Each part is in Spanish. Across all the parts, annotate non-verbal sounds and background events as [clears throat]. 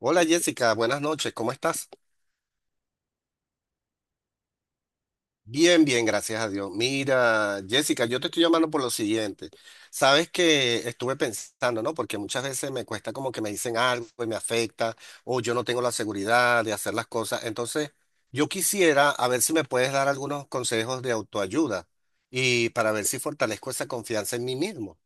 Hola Jessica, buenas noches, ¿cómo estás? Bien, bien, gracias a Dios. Mira, Jessica, yo te estoy llamando por lo siguiente. Sabes que estuve pensando, ¿no? Porque muchas veces me cuesta como que me dicen algo y me afecta, o yo no tengo la seguridad de hacer las cosas. Entonces, yo quisiera a ver si me puedes dar algunos consejos de autoayuda y para ver si fortalezco esa confianza en mí mismo.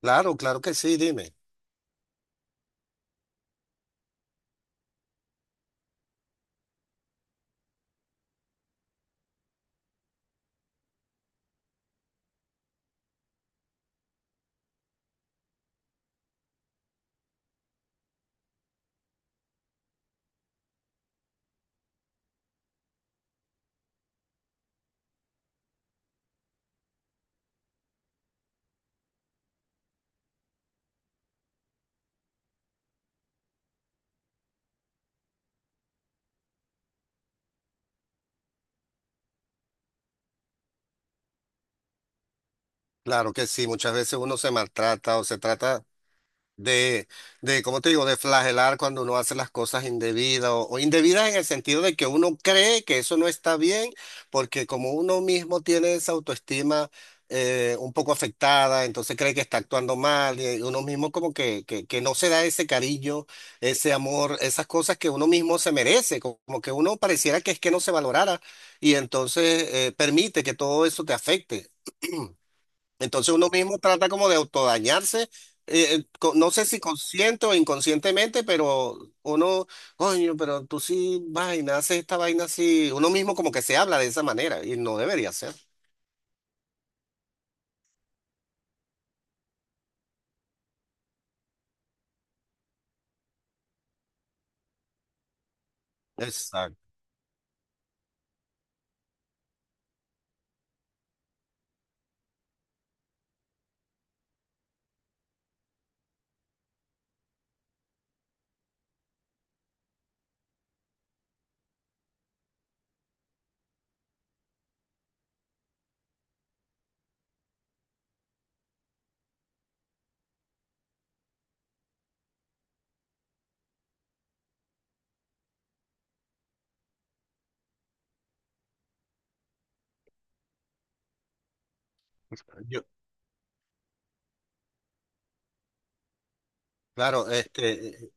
Claro, claro que sí, dime. Claro que sí, muchas veces uno se maltrata o se trata de, ¿cómo te digo?, de flagelar cuando uno hace las cosas indebidas o indebidas en el sentido de que uno cree que eso no está bien, porque como uno mismo tiene esa autoestima un poco afectada, entonces cree que está actuando mal y uno mismo como que no se da ese cariño, ese amor, esas cosas que uno mismo se merece, como que uno pareciera que es que no se valorara y entonces permite que todo eso te afecte. [clears throat] Entonces uno mismo trata como de autodañarse, no sé si consciente o inconscientemente, pero uno, coño, pero tú sí vaina, haces esta vaina así, uno mismo como que se habla de esa manera y no debería ser. Exacto. Claro,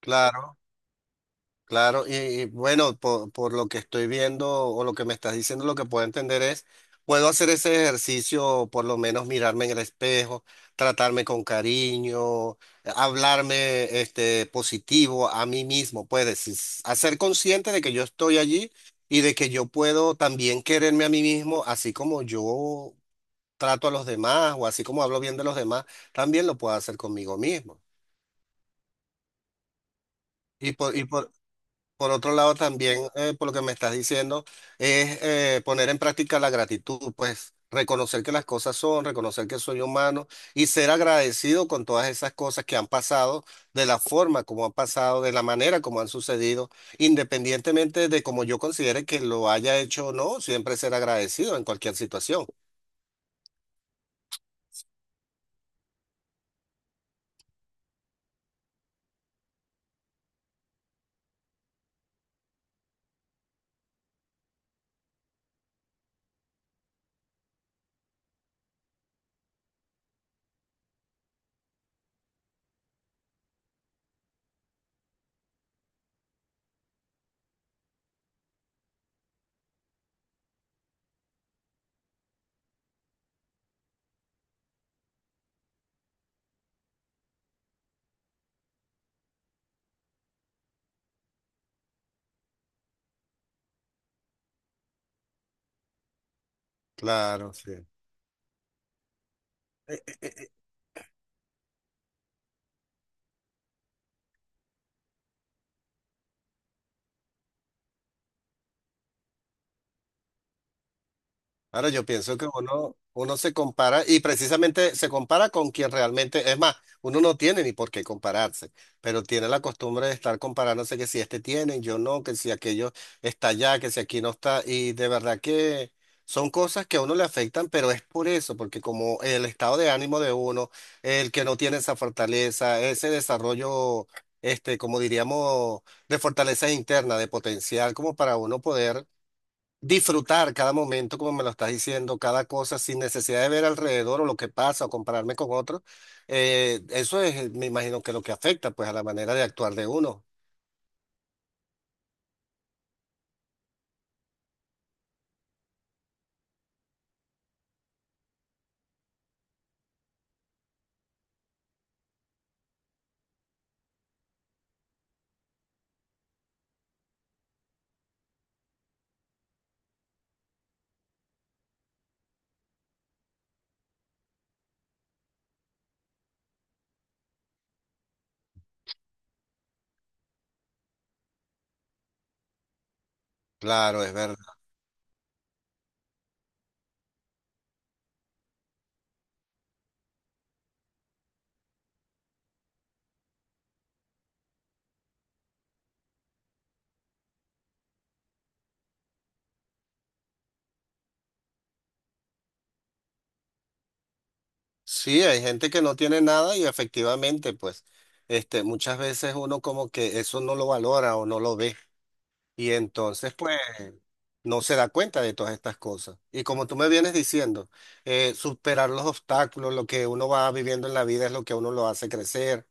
claro. Claro, y bueno, por lo que estoy viendo o lo que me estás diciendo, lo que puedo entender es, puedo hacer ese ejercicio, por lo menos mirarme en el espejo, tratarme con cariño, hablarme este, positivo a mí mismo, puedes hacer consciente de que yo estoy allí y de que yo puedo también quererme a mí mismo, así como yo trato a los demás o así como hablo bien de los demás, también lo puedo hacer conmigo mismo. Y por, y por, Por otro lado, también, por lo que me estás diciendo, es poner en práctica la gratitud, pues reconocer que las cosas son, reconocer que soy humano y ser agradecido con todas esas cosas que han pasado, de la forma como han pasado, de la manera como han sucedido, independientemente de cómo yo considere que lo haya hecho o no, siempre ser agradecido en cualquier situación. Claro, sí. Ahora yo pienso que uno se compara y precisamente se compara con quien realmente, es más, uno no tiene ni por qué compararse, pero tiene la costumbre de estar comparándose que si este tiene, yo no, que si aquello está allá, que si aquí no está, y de verdad que son cosas que a uno le afectan, pero es por eso, porque como el estado de ánimo de uno, el que no tiene esa fortaleza, ese desarrollo, este, como diríamos, de fortaleza interna, de potencial, como para uno poder disfrutar cada momento, como me lo estás diciendo, cada cosa sin necesidad de ver alrededor o lo que pasa o compararme con otros. Eso es, me imagino que lo que afecta pues a la manera de actuar de uno. Claro, es verdad. Sí, hay gente que no tiene nada y efectivamente pues este, muchas veces uno como que eso no lo valora o no lo ve y entonces pues no se da cuenta de todas estas cosas. Y como tú me vienes diciendo, superar los obstáculos, lo que uno va viviendo en la vida es lo que a uno lo hace crecer.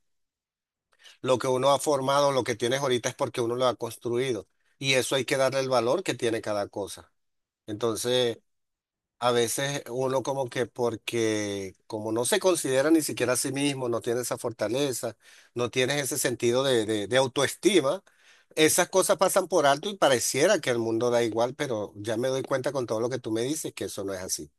Lo que uno ha formado, lo que tienes ahorita es porque uno lo ha construido. Y eso hay que darle el valor que tiene cada cosa. Entonces, a veces uno como que porque como no se considera ni siquiera a sí mismo, no tiene esa fortaleza, no tienes ese sentido de autoestima, esas cosas pasan por alto y pareciera que el mundo da igual, pero ya me doy cuenta con todo lo que tú me dices que eso no es así.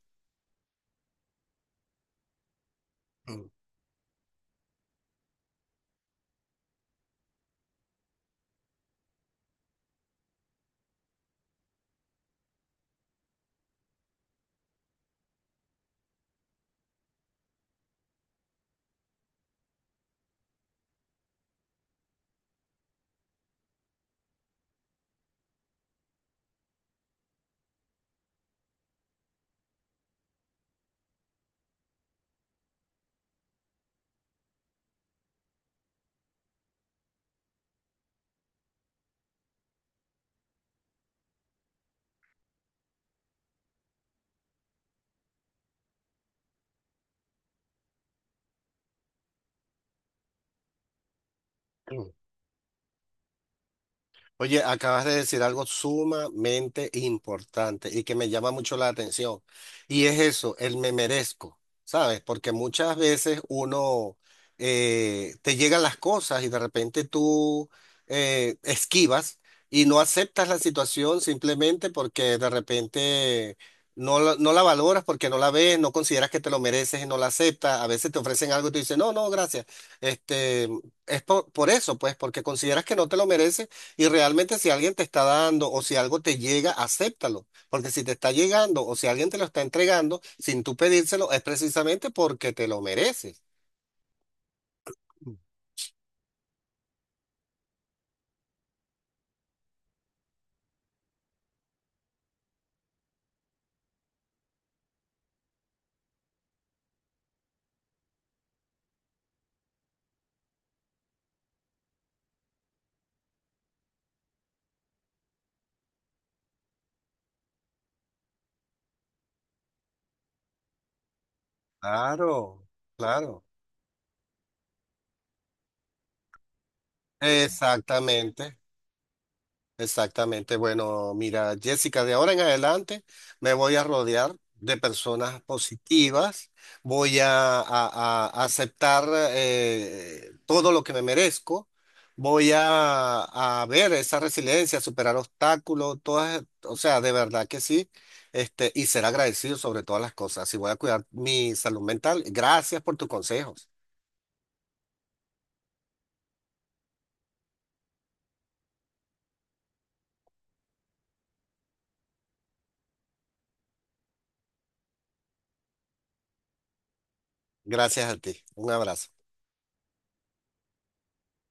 Mm. Oye, acabas de decir algo sumamente importante y que me llama mucho la atención. Y es eso, el me merezco, ¿sabes? Porque muchas veces uno te llegan las cosas y de repente tú esquivas y no aceptas la situación simplemente porque de repente no la valoras, porque no la ves, no consideras que te lo mereces y no la aceptas. A veces te ofrecen algo y tú dices, no, no, gracias. Este, es por eso, pues, porque consideras que no te lo mereces y realmente si alguien te está dando o si algo te llega, acéptalo. Porque si te está llegando o si alguien te lo está entregando sin tú pedírselo, es precisamente porque te lo mereces. Claro, claro. Exactamente. Exactamente. Bueno, mira, Jessica, de ahora en adelante me voy a rodear de personas positivas, voy a, a aceptar todo lo que me merezco, voy a ver esa resiliencia, superar obstáculos, todas, o sea, de verdad que sí, este, y ser agradecido sobre todas las cosas. Y voy a cuidar mi salud mental. Gracias por tus consejos. Gracias a ti. Un abrazo.